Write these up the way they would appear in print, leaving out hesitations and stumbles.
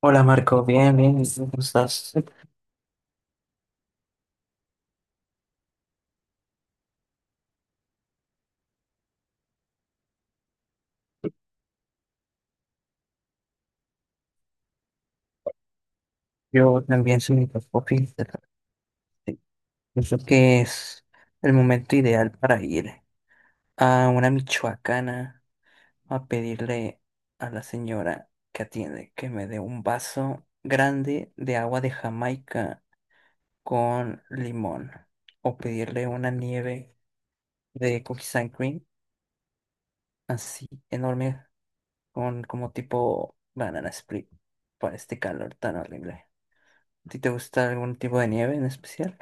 Hola Marco, bien, bien, ¿y tú, ¿cómo estás? Yo también soy microscopista. Sí. Pienso que es el momento ideal para ir a una michoacana a pedirle a la señora que atiende que me dé un vaso grande de agua de Jamaica con limón o pedirle una nieve de cookies and cream así enorme con como tipo banana split para este calor tan horrible. ¿A ti te gusta algún tipo de nieve en especial?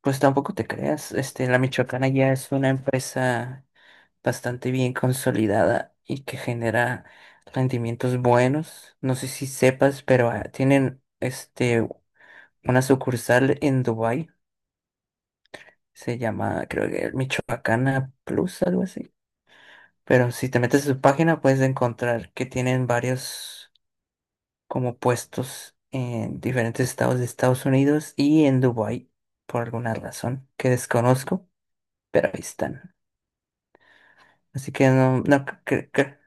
Pues tampoco te creas, la Michoacana ya es una empresa bastante bien consolidada y que genera rendimientos buenos. No sé si sepas, pero tienen una sucursal en Dubái, se llama creo que Michoacana Plus, algo así. Pero si te metes a su página puedes encontrar que tienen varios como puestos en diferentes estados de Estados Unidos y en Dubái, por alguna razón que desconozco, pero ahí están. Así que no,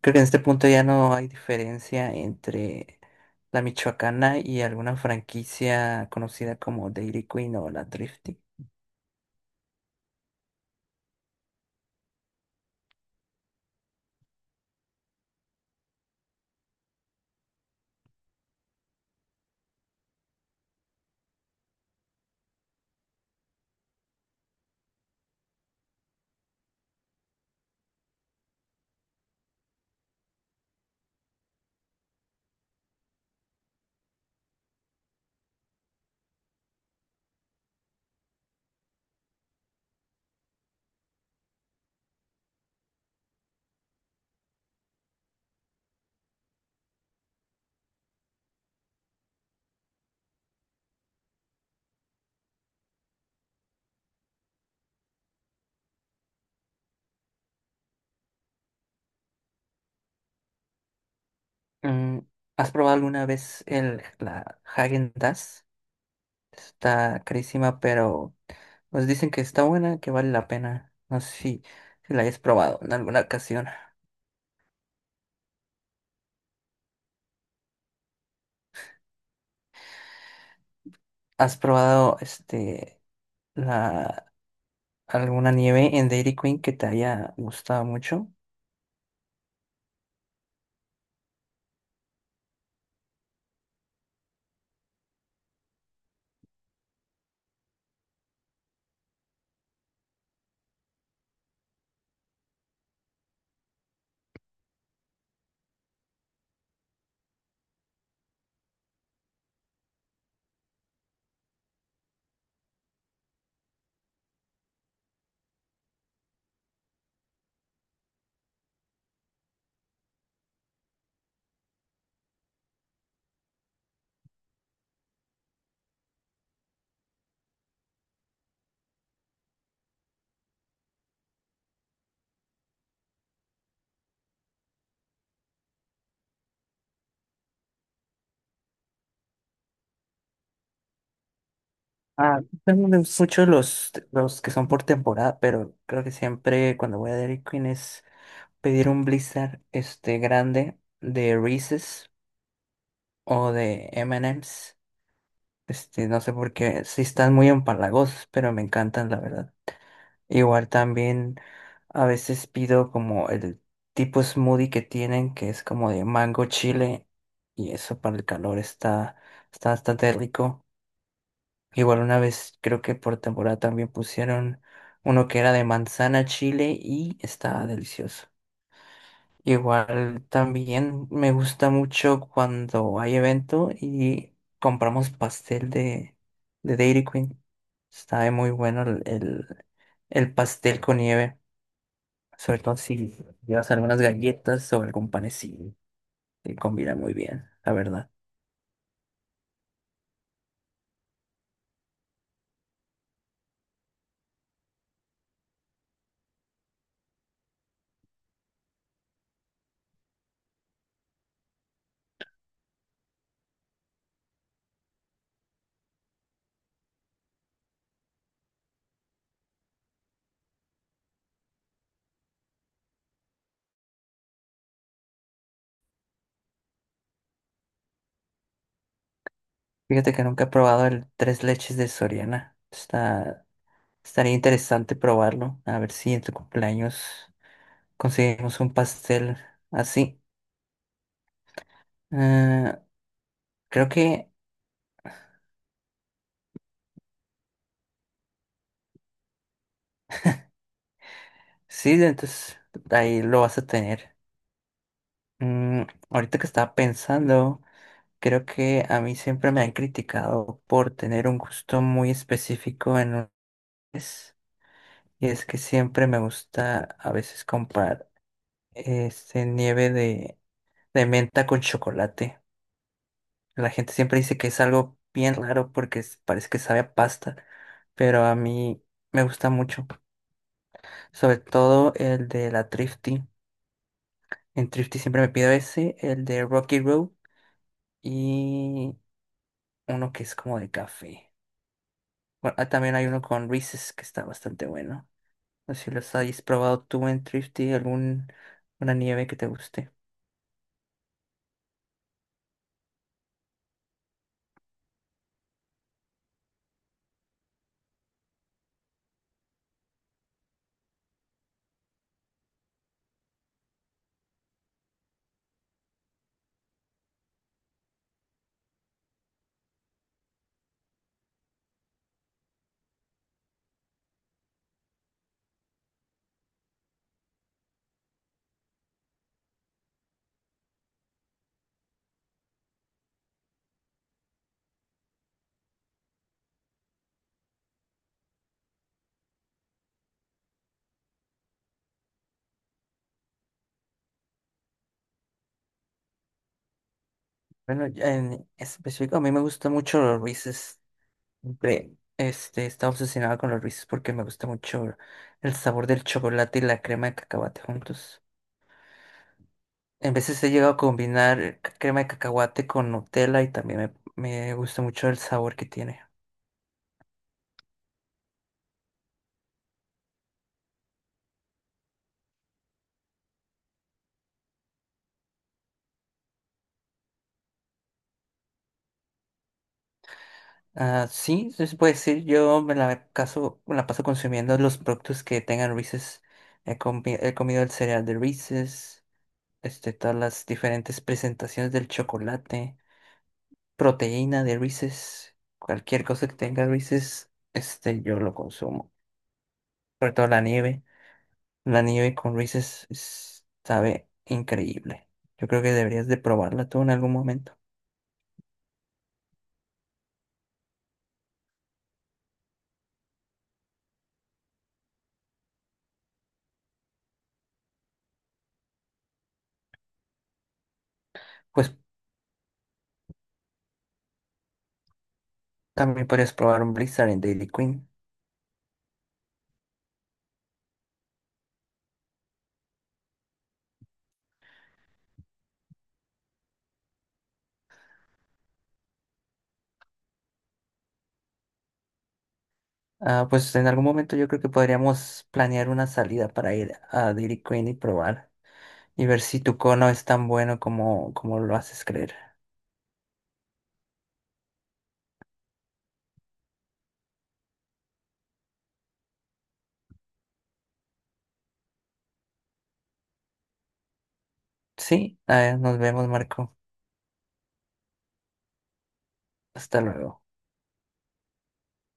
creo que en este punto ya no hay diferencia entre la Michoacana y alguna franquicia conocida como Dairy Queen o la Thrifty. Mm, ¿has probado alguna vez la Häagen-Dazs? Está carísima, pero nos dicen que está buena, que vale la pena. No sé si la hayas probado en alguna ocasión. ¿Has probado la alguna nieve en Dairy Queen que te haya gustado mucho? Ah, también me gustan mucho los que son por temporada, pero creo que siempre cuando voy a Dairy Queen es pedir un blizzard este grande de Reese's o de M&M's. No sé por qué, sí están muy empalagosos, pero me encantan, la verdad. Igual también a veces pido como el tipo smoothie que tienen, que es como de mango chile, y eso para el calor está bastante rico. Igual una vez, creo que por temporada también pusieron uno que era de manzana chile y estaba delicioso. Igual también me gusta mucho cuando hay evento y compramos pastel de Dairy Queen. Está muy bueno el pastel con nieve, sobre todo si llevas algunas galletas o algún panecillo. Te combina muy bien, la verdad. Fíjate que nunca he probado el tres leches de Soriana. Estaría interesante probarlo. A ver si en tu cumpleaños conseguimos un pastel así. Eh, creo que Sí, entonces ahí lo vas a tener. Mm, ahorita que estaba pensando, creo que a mí siempre me han criticado por tener un gusto muy específico en es- y es que siempre me gusta a veces comprar nieve de menta con chocolate. La gente siempre dice que es algo bien raro porque es- parece que sabe a pasta, pero a mí me gusta mucho. Sobre todo el de la Thrifty. En Thrifty siempre me pido ese, el de Rocky Road. Y uno que es como de café. Bueno, también hay uno con Reese's que está bastante bueno. No sé si los hayas probado tú en Thrifty, algún una nieve que te guste. Bueno, ya en específico, a mí me gusta mucho los Reese's. Estaba obsesionado con los Reese's porque me gusta mucho el sabor del chocolate y la crema de cacahuate juntos. En veces he llegado a combinar crema de cacahuate con Nutella y también me gusta mucho el sabor que tiene. Ah, sí, sí se puede decir, yo caso, me la paso consumiendo los productos que tengan Reese's. He comido el cereal de Reese's, todas las diferentes presentaciones del chocolate, proteína de Reese's, cualquier cosa que tenga Reese's, yo lo consumo. Sobre todo la nieve con Reese's es- sabe increíble. Yo creo que deberías de probarla tú en algún momento. Pues también podrías probar un Blizzard en Daily Queen. Ah, pues en algún momento yo creo que podríamos planear una salida para ir a Dairy Queen y probar y ver si tu cono es tan bueno como lo haces creer. Sí, nos vemos, Marco. Hasta luego.